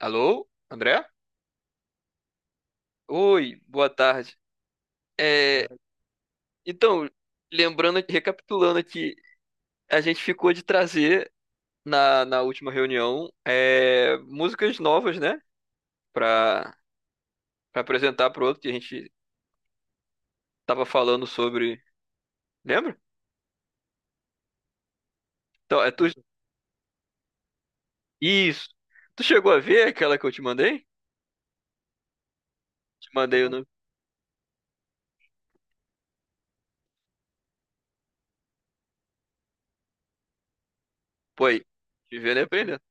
Alô, André? Oi, boa tarde. É, então, lembrando, recapitulando aqui, a gente ficou de trazer na última reunião músicas novas, né? Pra, pra apresentar pro outro que a gente tava falando sobre. Lembra? Então, é tu... Isso. Tu chegou a ver aquela que eu te mandei? Te mandei o nome. Pô, aí, te vendo e aprendendo.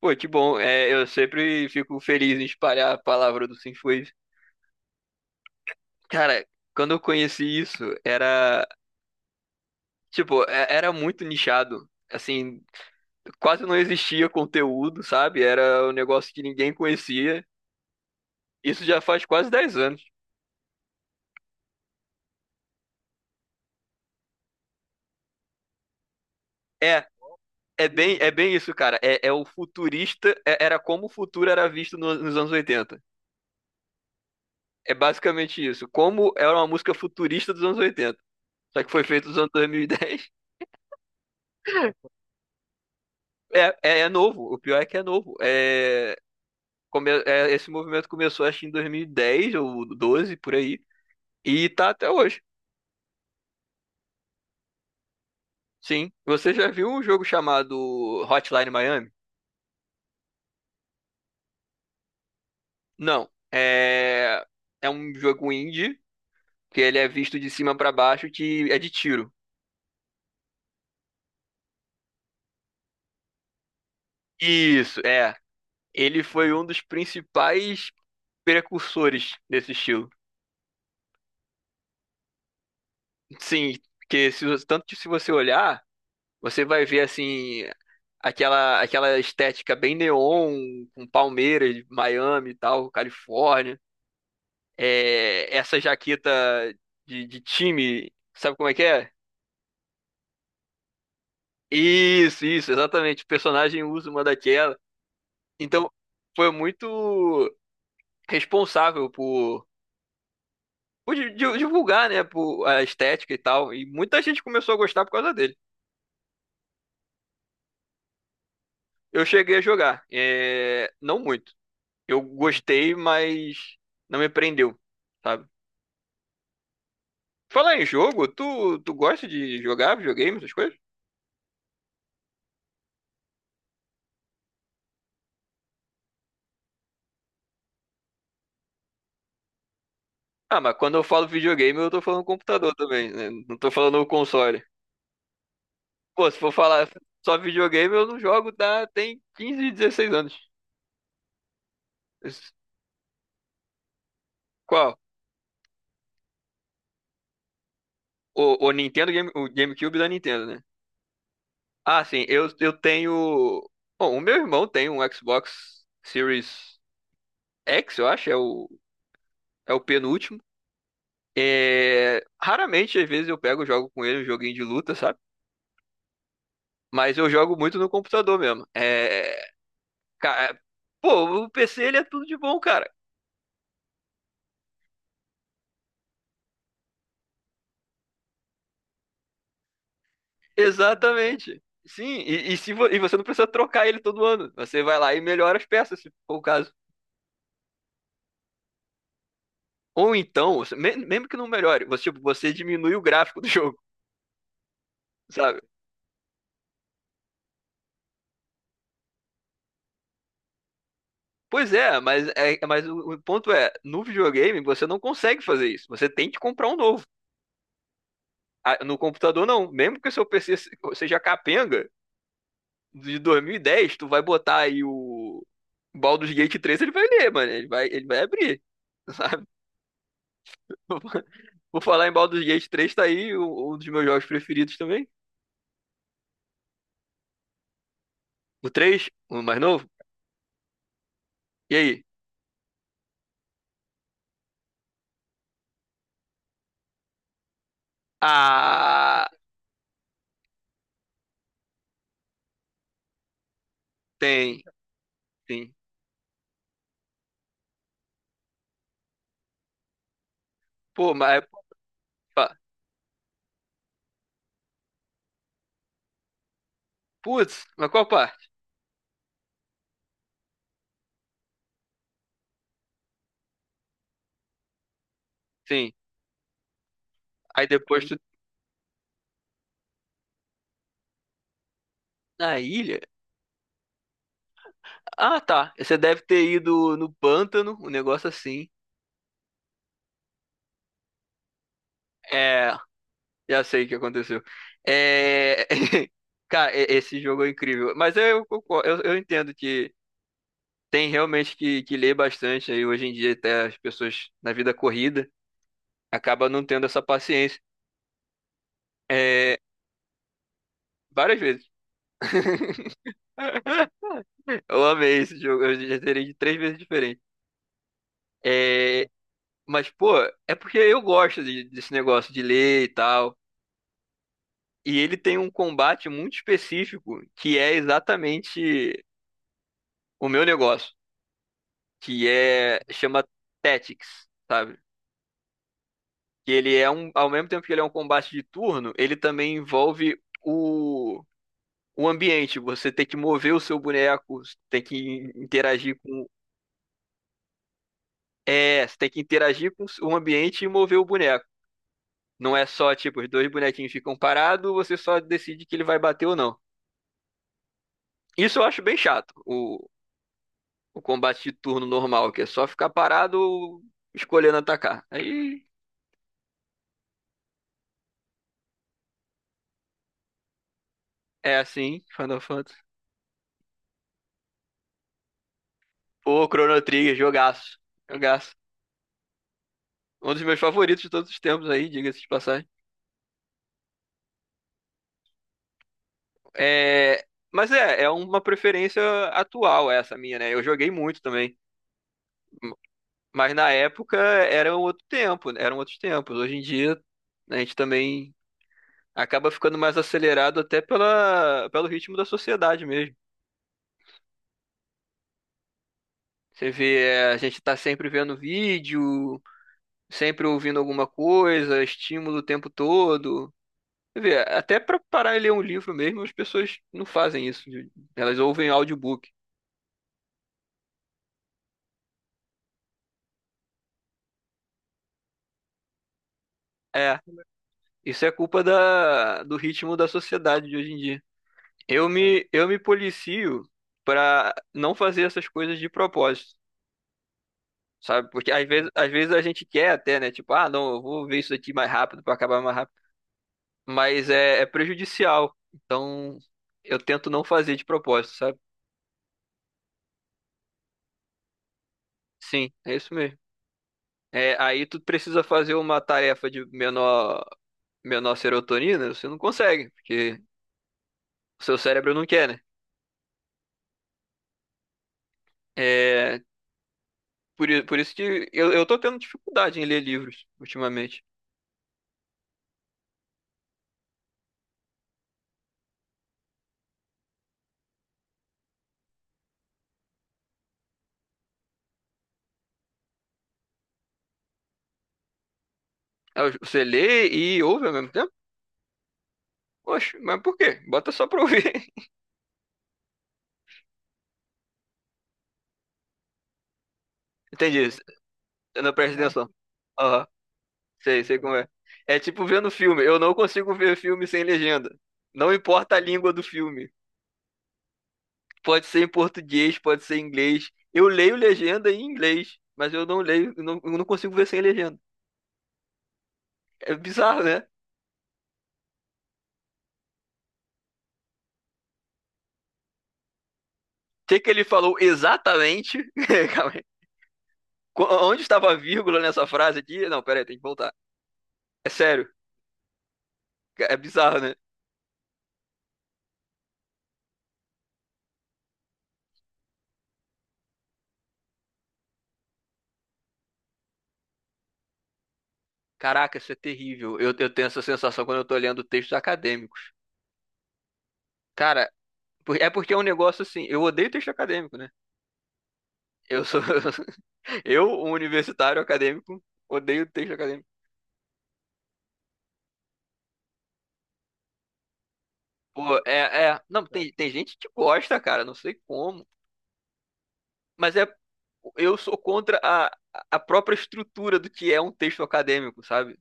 Pô, que bom. É, eu sempre fico feliz em espalhar a palavra do Sinfoes. Cara, quando eu conheci isso, era. Tipo, era muito nichado. Assim, quase não existia conteúdo, sabe? Era um negócio que ninguém conhecia. Isso já faz quase 10 anos. É, é bem isso, cara. É o futurista, era como o futuro era visto nos anos oitenta. É basicamente isso. Como era uma música futurista dos anos oitenta. Só que foi feito nos anos 2010. É novo. O pior é que é novo. Esse movimento começou, acho, que em 2010 ou 12 por aí. E tá até hoje. Sim. Você já viu um jogo chamado Hotline Miami? Não. É, é um jogo indie, que ele é visto de cima pra baixo, que é de tiro. Isso, é. Ele foi um dos principais precursores desse estilo. Sim, que se, você- tanto que se você olhar, você vai ver assim aquela estética bem neon, com Palmeiras, Miami e tal, Califórnia. É, essa jaqueta de time, sabe como é que é? Isso, exatamente. O personagem usa uma daquela. Então, foi muito responsável por divulgar, né, por a estética e tal. E muita gente começou a gostar por causa dele. Eu cheguei a jogar, é, não muito. Eu gostei, mas não me prendeu, sabe? Falar em jogo, tu gosta de jogar videogame, essas coisas? Ah, mas quando eu falo videogame, eu tô falando computador também, né? Não tô falando o console. Pô, se for falar só videogame, eu não jogo, tá? Tem 15, 16 anos. Esse- Qual? O GameCube da Nintendo, né? Ah, sim, eu tenho. Bom, o meu irmão tem um Xbox Series X, eu acho, é o penúltimo. É... Raramente, às vezes, eu pego e jogo com ele um joguinho de luta, sabe? Mas eu jogo muito no computador mesmo. Ca- é, Pô, o PC ele é tudo de bom, cara. Exatamente. Sim, e, se vo- e você não precisa trocar ele todo ano. Você vai lá e melhora as peças, se for o caso. Ou então, mesmo que não melhore, você, tipo, você diminui o gráfico do jogo, sabe? Pois é, mas o ponto é, no videogame você não consegue fazer isso. Você tem que comprar um novo. Ah, no computador não. Mesmo que o seu PC seja capenga de dois mil e dez, tu vai botar aí o Baldur's Gate três, ele vai ler, mano. Ele vai abrir, sabe? Por falar em Baldur's Gate três, tá aí um dos meus jogos preferidos também. O três, o mais novo. E aí? Ah, tem, sim. Pô, mas. pa- Putz, mas qual parte? Sim. Aí depois tu. Na ilha? Ah, tá. Você deve ter ido no pântano, um negócio assim. É, já sei o que aconteceu. É. Cara, esse jogo é incrível. Eu entendo que tem realmente que ler bastante aí hoje em dia, até as pessoas na vida corrida, acaba não tendo essa paciência. É, várias vezes. Eu amei esse jogo, eu já terei de três vezes diferente. É, pô, é porque eu gosto desse negócio de ler e tal. E ele tem um combate muito específico que é exatamente o meu negócio, que é chama Tactics, sabe? Que ele é um, ao mesmo tempo que ele é um combate de turno, ele também envolve o ambiente. Você tem que mover o seu boneco, tem que interagir com. É, você tem que interagir com o ambiente e mover o boneco. Não é só, tipo, os dois bonequinhos ficam parados, você só decide que ele vai bater ou não. Isso eu acho bem chato, o combate de turno normal, que é só ficar parado escolhendo atacar. Aí é assim, Final Fantasy. Ô, Chrono Trigger, jogaço. Jogaço. Um dos meus favoritos de todos os tempos aí, diga-se de passagem. É, mas é, é uma preferência atual essa minha, né? Eu joguei muito também. Mas na época era um outro tempo, eram outros tempos. Hoje em dia a gente também acaba ficando mais acelerado até pelo ritmo da sociedade mesmo. Você vê, é, a gente tá sempre vendo vídeo, sempre ouvindo alguma coisa, estímulo o tempo todo. Você vê, até para parar e ler um livro mesmo, as pessoas não fazem isso. Elas ouvem audiobook. É, isso é culpa do ritmo da sociedade de hoje em dia. Eu me policio pra não fazer essas coisas de propósito, sabe? Porque às vezes a gente quer até, né? Tipo, ah, não, eu vou ver isso aqui mais rápido pra acabar mais rápido. Mas é, é prejudicial. Então, eu tento não fazer de propósito, sabe? Sim, é isso mesmo. É, aí tu precisa fazer uma tarefa de menor, menor serotonina, você não consegue, porque o seu cérebro não quer, né? É, por isso que eu tô tendo dificuldade em ler livros ultimamente. Ah, você lê e ouve ao mesmo tempo? Oxe, mas por quê? Bota só pra ouvir. Entendi. Eu não presto. É, atenção. Aham, sei, sei como é. É tipo vendo filme. Eu não consigo ver filme sem legenda. Não importa a língua do filme. Pode ser em português, pode ser em inglês. Eu leio legenda em inglês, mas eu não leio, eu não consigo ver sem legenda. É bizarro, né? O que que ele falou exatamente? Calma aí. Onde estava a vírgula nessa frase aqui? Não, peraí, tem que voltar. É sério. É bizarro, né? Caraca, isso é terrível. Eu tenho essa sensação quando eu tô lendo textos acadêmicos. Cara, é porque é um negócio assim. Eu odeio texto acadêmico, né? Eu sou. Eu, um universitário acadêmico, odeio texto acadêmico. Pô, é, é. Não, tem, tem gente que gosta, cara, não sei como. Mas é. Eu sou contra a própria estrutura do que é um texto acadêmico, sabe?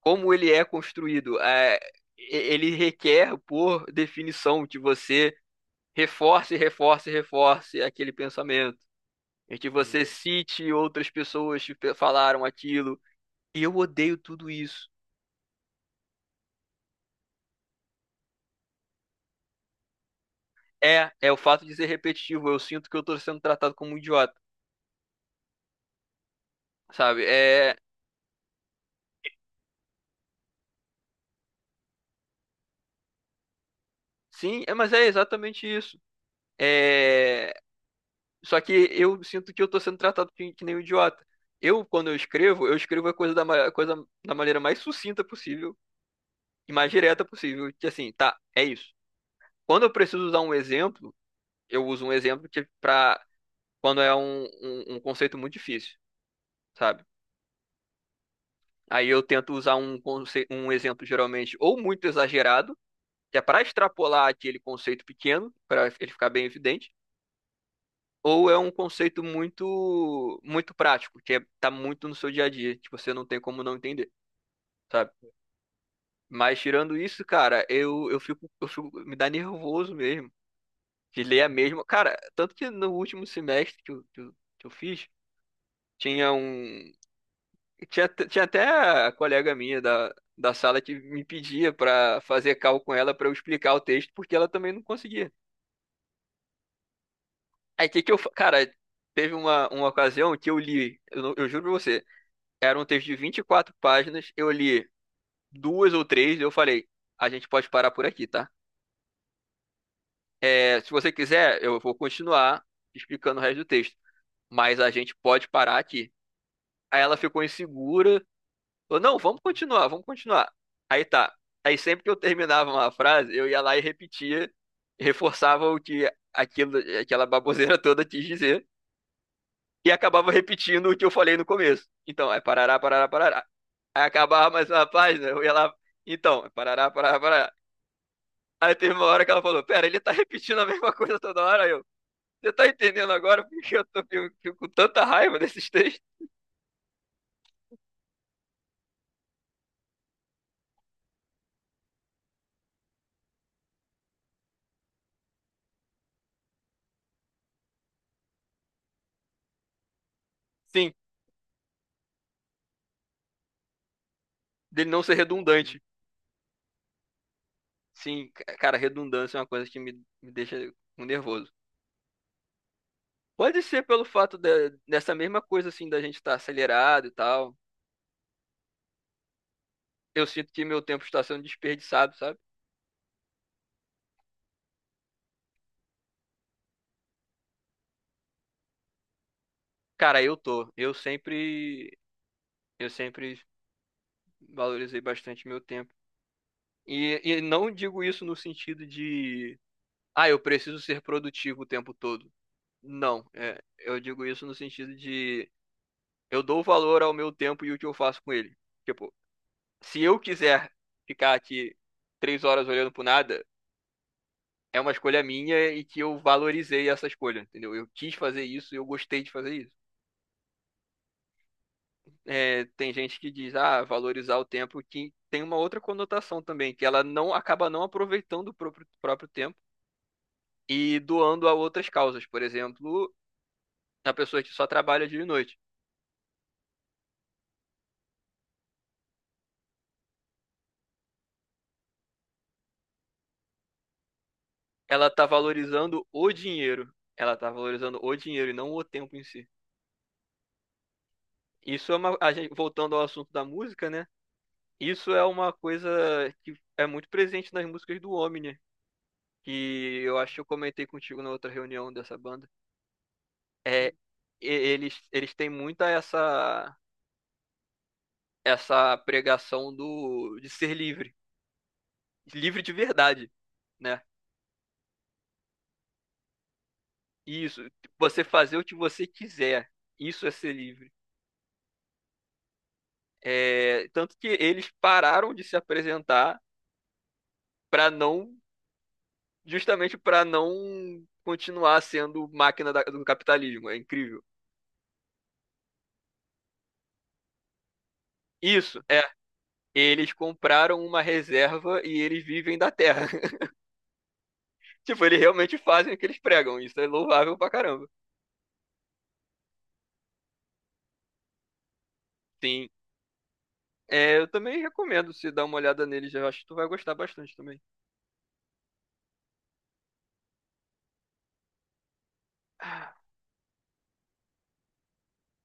Como ele é construído. Ele requer, por definição, que você reforce, reforce, reforce aquele pensamento em que você cite outras pessoas que falaram aquilo. E eu odeio tudo isso. É, é o fato de ser repetitivo. Eu sinto que eu tô sendo tratado como um idiota, sabe? Mas é exatamente isso. É, só que eu sinto que eu tô sendo tratado que nem um idiota. Quando eu escrevo a coisa da maneira mais sucinta possível e mais direta possível. Que assim, tá, é isso. Quando eu preciso usar um exemplo, eu uso um exemplo quando é um, um conceito muito difícil, sabe? Aí eu tento usar um, um exemplo geralmente ou muito exagerado, que é para extrapolar aquele conceito pequeno, para ele ficar bem evidente, ou é um conceito muito prático, que é, tá muito no seu dia a dia, que você não tem como não entender, sabe? Mas tirando isso, cara, eu fico, me dá nervoso mesmo de ler a mesma. Cara, tanto que no último semestre que que eu fiz, tinha um. Tinha, tinha até a colega minha da sala que me pedia pra fazer call com ela pra eu explicar o texto, porque ela também não conseguia. Aí que eu. Cara, teve uma ocasião que eu li, eu, não- eu juro pra você, era um texto de 24 páginas, eu li duas ou três, e eu falei, a gente pode parar por aqui, tá? É, se você quiser, eu vou continuar explicando o resto do texto, mas a gente pode parar aqui. Aí ela ficou insegura, falou, não, vamos continuar, vamos continuar. Aí tá. Aí sempre que eu terminava uma frase, eu ia lá e repetia, reforçava o que aquilo, aquela baboseira toda quis dizer, e acabava repetindo o que eu falei no começo. Então, é parará, parará, parará. Aí acabava mais uma página, eu ia lá, então, é parará, parará, parará. Aí teve uma hora que ela falou, pera, ele tá repetindo a mesma coisa toda hora. Aí eu. Você tá entendendo agora porque eu tô fico, fico com tanta raiva desses textos? Sim, dele não ser redundante. Sim, cara, redundância é uma coisa que me deixa nervoso. Pode ser pelo fato dessa mesma coisa, assim, da gente estar acelerado e tal. Eu sinto que meu tempo está sendo desperdiçado, sabe? Cara, eu tô. Eu sempre valorizei bastante meu tempo. E não digo isso no sentido de, ah, eu preciso ser produtivo o tempo todo. Não, é, eu digo isso no sentido de, eu dou valor ao meu tempo e o que eu faço com ele. Tipo, se eu quiser ficar aqui três horas olhando pro nada, é uma escolha minha e que eu valorizei essa escolha, entendeu? Eu quis fazer isso e eu gostei de fazer isso. É, tem gente que diz, ah, valorizar o tempo, que tem uma outra conotação também, que ela não acaba não aproveitando o próprio tempo e doando a outras causas. Por exemplo, a pessoa que só trabalha dia e noite, ela tá valorizando o dinheiro. Ela tá valorizando o dinheiro e não o tempo em si. Isso é uma, a gente, voltando ao assunto da música, né? Isso é uma coisa que é muito presente nas músicas do Omni, que eu acho que eu comentei contigo na outra reunião dessa banda. É, eles têm muita essa essa pregação do de ser livre, livre de verdade, né? Isso, você fazer o que você quiser, isso é ser livre. É, tanto que eles pararam de se apresentar para não, justamente para não continuar sendo máquina do capitalismo. É incrível. Isso. É, eles compraram uma reserva e eles vivem da terra. Tipo, eles realmente fazem o que eles pregam. Isso é louvável pra caramba. Sim. É, eu também recomendo se dar uma olhada neles. Eu acho que tu vai gostar bastante também.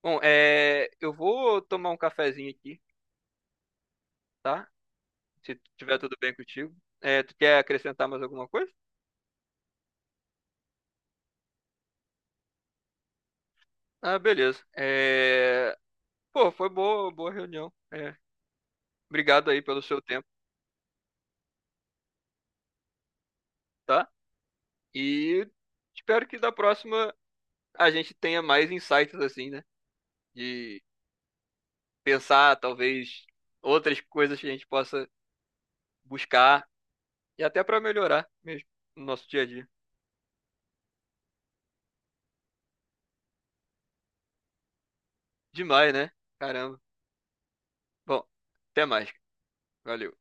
Bom, é, eu vou tomar um cafezinho aqui, tá? Se tiver tudo bem contigo. É, tu quer acrescentar mais alguma coisa? Ah, beleza. É, pô, foi boa, boa reunião. É, obrigado aí pelo seu tempo, tá? E espero que da próxima a gente tenha mais insights assim, né? De pensar, talvez, outras coisas que a gente possa buscar e até para melhorar mesmo no nosso dia a dia. Demais, né? Caramba. Bom, até mais. Valeu.